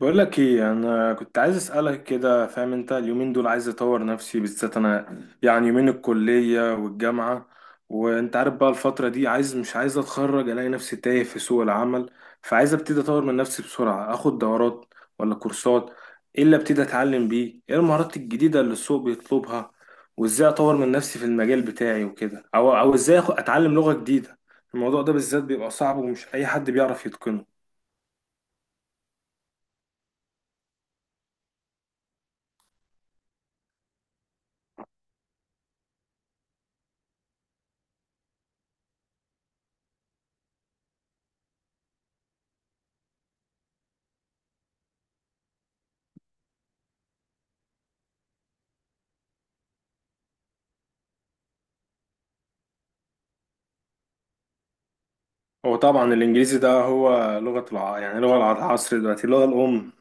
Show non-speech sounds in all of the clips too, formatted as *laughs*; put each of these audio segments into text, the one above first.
بقول لك ايه، انا كنت عايز اسالك كده. فاهم؟ انت اليومين دول عايز اطور نفسي، بالذات انا يعني يومين الكليه والجامعه. وانت عارف بقى الفتره دي عايز، مش عايز اتخرج، الاقي نفسي تايه في سوق العمل. فعايز ابتدي اطور من نفسي بسرعه، اخد دورات ولا كورسات؟ ايه اللي ابتدي اتعلم بيه؟ ايه المهارات الجديده اللي السوق بيطلبها؟ وازاي اطور من نفسي في المجال بتاعي وكده؟ او ازاي اتعلم لغه جديده؟ الموضوع ده بالذات بيبقى صعب، ومش اي حد بيعرف يتقنه. هو طبعا الانجليزي ده هو لغة الع... يعني لغة العصر دلوقتي، اللغة الأم.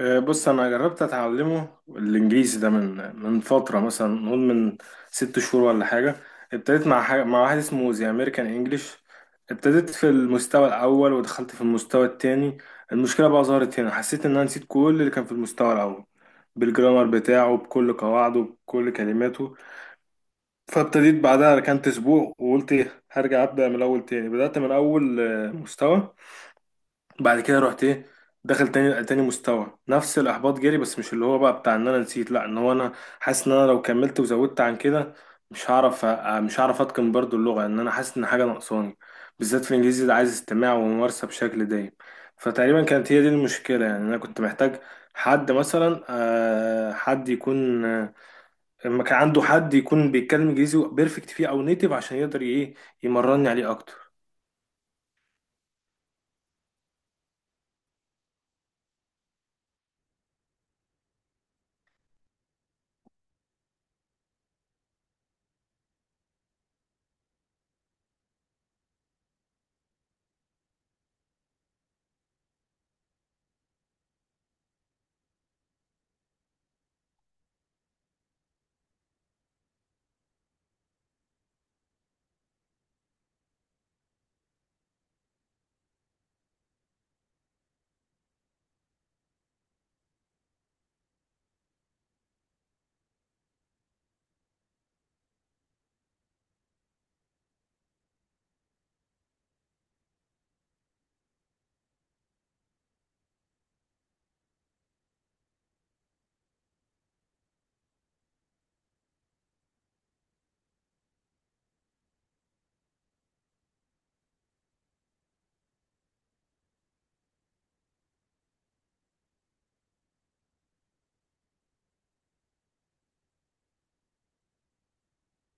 بص، أنا جربت أتعلمه الإنجليزي ده من فترة، مثلا نقول من 6 شهور ولا حاجة. ابتديت مع حاجة... مع واحد اسمه زي أمريكان إنجليش. ابتديت في المستوى الأول ودخلت في المستوى التاني. المشكلة بقى ظهرت هنا، حسيت إن أنا نسيت كل اللي كان في المستوى الأول، بالجرامر بتاعه، بكل قواعده، بكل كلماته. فابتديت بعدها ركنت أسبوع، وقلت إيه، هرجع أبدأ من الأول تاني. بدأت من أول مستوى. بعد كده رحت ايه، داخل تاني تاني مستوى، نفس الاحباط جالي، بس مش اللي هو بقى بتاع ان انا نسيت، لا، ان هو انا حاسس ان انا لو كملت وزودت عن كده مش هعرف اتقن برضو اللغه. ان انا حاسس ان حاجه ناقصاني، بالذات في الانجليزي ده، عايز استماع وممارسه بشكل دايم. فتقريبا كانت هي دي المشكله، يعني انا كنت محتاج حد مثلا، حد يكون لما كان عنده حد يكون بيتكلم انجليزي بيرفكت فيه او نيتيف، عشان يقدر ايه يمرني عليه اكتر.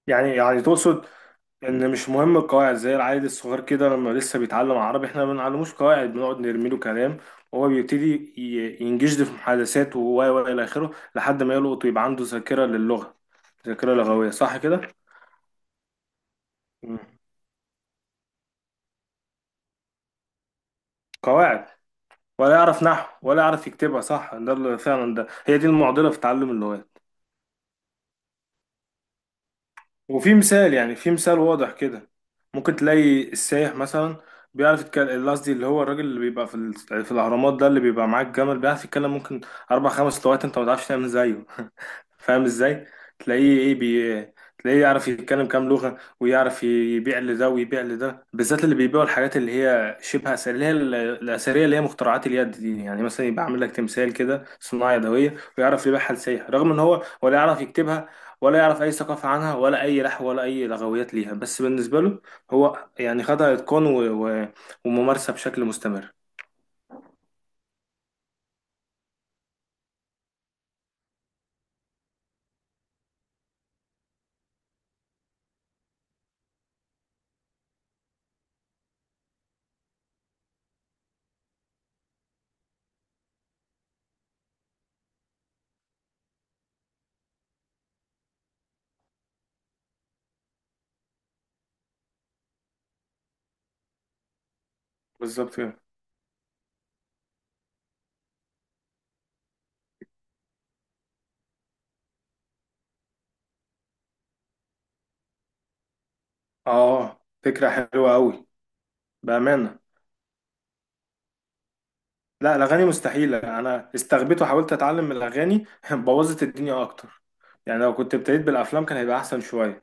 يعني تقصد ان مش مهم القواعد؟ زي العيل الصغير كده لما لسه بيتعلم عربي، احنا ما بنعلموش قواعد، بنقعد نرمي له كلام وهو بيبتدي ينجشد في محادثات و الى اخره، لحد ما يلقط ويبقى عنده ذاكره للغه، ذاكره لغويه، صح كده؟ مم. قواعد ولا يعرف نحو ولا يعرف يكتبها، صح؟ ده اللي فعلا ده هي دي المعضله في تعلم اللغات. وفي مثال، يعني في مثال واضح كده، ممكن تلاقي السايح مثلا بيعرف يتكلم، قصدي اللي هو الراجل اللي بيبقى في في الاهرامات ده اللي بيبقى معاه الجمل، بيعرف يتكلم ممكن 4 5 لغات، انت ما تعرفش تعمل زيه. *laughs* فاهم ازاي؟ تلاقيه ايه بي، تلاقيه يعرف يتكلم كام لغة، ويعرف يبيع لده ويبيع لده، بالذات اللي بيبيعوا الحاجات اللي هي شبه أثرية، اللي هي الأثرية اللي هي مخترعات اليد دي. يعني مثلا يبقى عامل لك تمثال كده صناعة يدوية، ويعرف يبيعها لسايح، رغم إن هو ولا يعرف يكتبها، ولا يعرف اي ثقافه عنها، ولا اي لحو، ولا اي لغويات ليها، بس بالنسبه له هو يعني خدها اتقان و... و... وممارسه بشكل مستمر. بالظبط كده. اه، فكره حلوه قوي، بامانه. لا، الاغاني مستحيله، انا استغبيت وحاولت اتعلم من الاغاني *laughs* بوظت الدنيا اكتر. يعني لو كنت ابتديت بالافلام كان هيبقى احسن شويه.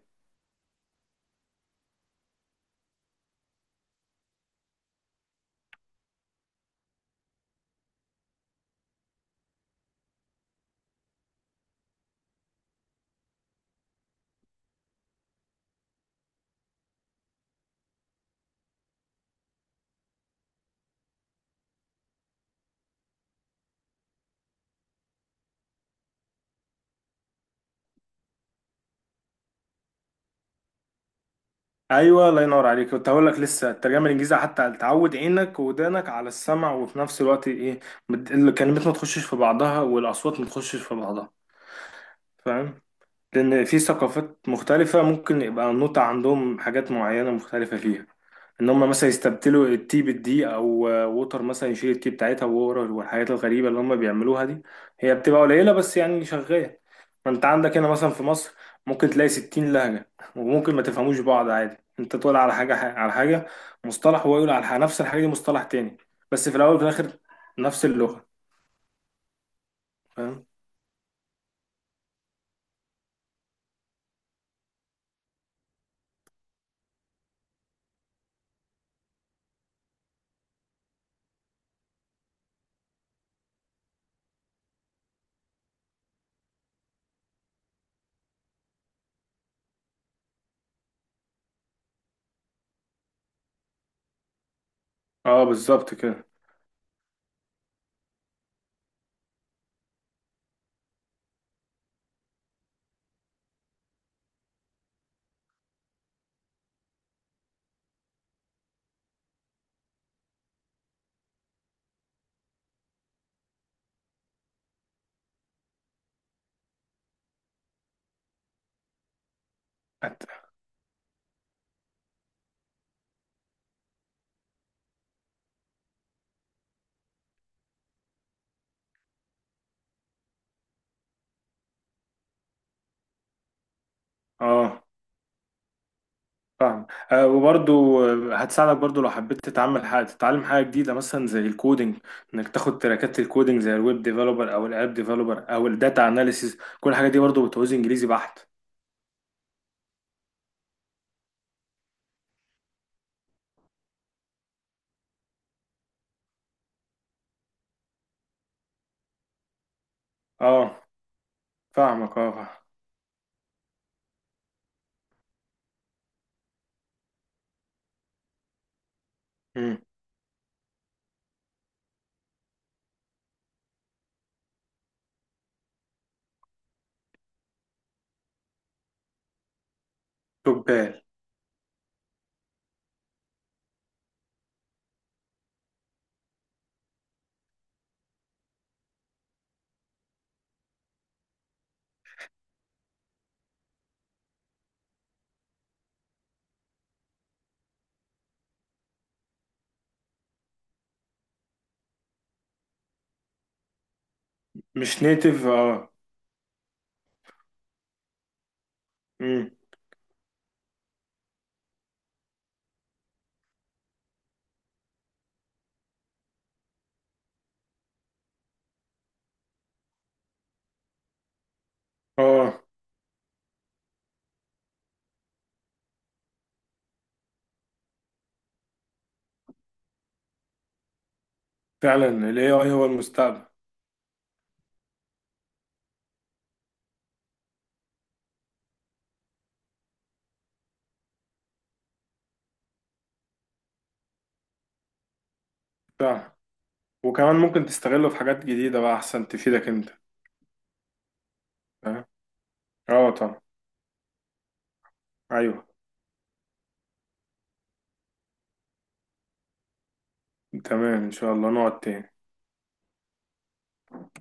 ايوه، الله ينور عليك، كنت هقول لك لسه الترجمه الانجليزيه، حتى تعود عينك وودانك على السمع، وفي نفس الوقت ايه الكلمات ما تخشش في بعضها، والاصوات ما تخشش في بعضها. فاهم؟ لأن في ثقافات مختلفة، ممكن يبقى النوتة عندهم حاجات معينة مختلفة فيها. إن هم مثلا يستبدلوا التي بالدي، أو ووتر مثلا يشيل التي بتاعتها وورا، والحاجات الغريبة اللي هم بيعملوها دي هي بتبقى قليلة، بس يعني شغالة. ما أنت عندك هنا مثلا في مصر ممكن تلاقي 60 لهجة، وممكن ما تفهموش بعض عادي، أنت تقول على حاجة، على حاجة، مصطلح، وهو يقول على نفس الحاجة دي مصطلح تاني. بس في الأول وفي الآخر نفس اللغة. فاهم؟ اه، بالظبط كده. أت- اه، فاهم. وبرضو هتساعدك برضو لو حبيت تتعمل حاجة، تتعلم حاجة جديدة مثلا زي الكودينج. انك تاخد تراكات الكودينج زي الويب ديفلوبر او الاب ديفلوبر او الداتا اناليسيز، كل الحاجات دي برضو بتعوز انجليزي بحت. اه، فاهمك. اه فاهم. مم. تبال. مش نيتف، اه. مم. اه، فعلا ال AI هو المستقبل. فعلا، وكمان ممكن تستغله في حاجات جديدة بقى احسن، تفيدك انت. فاهم؟ اه طبعا. ايوه. تمام، ان شاء الله نقعد تاني.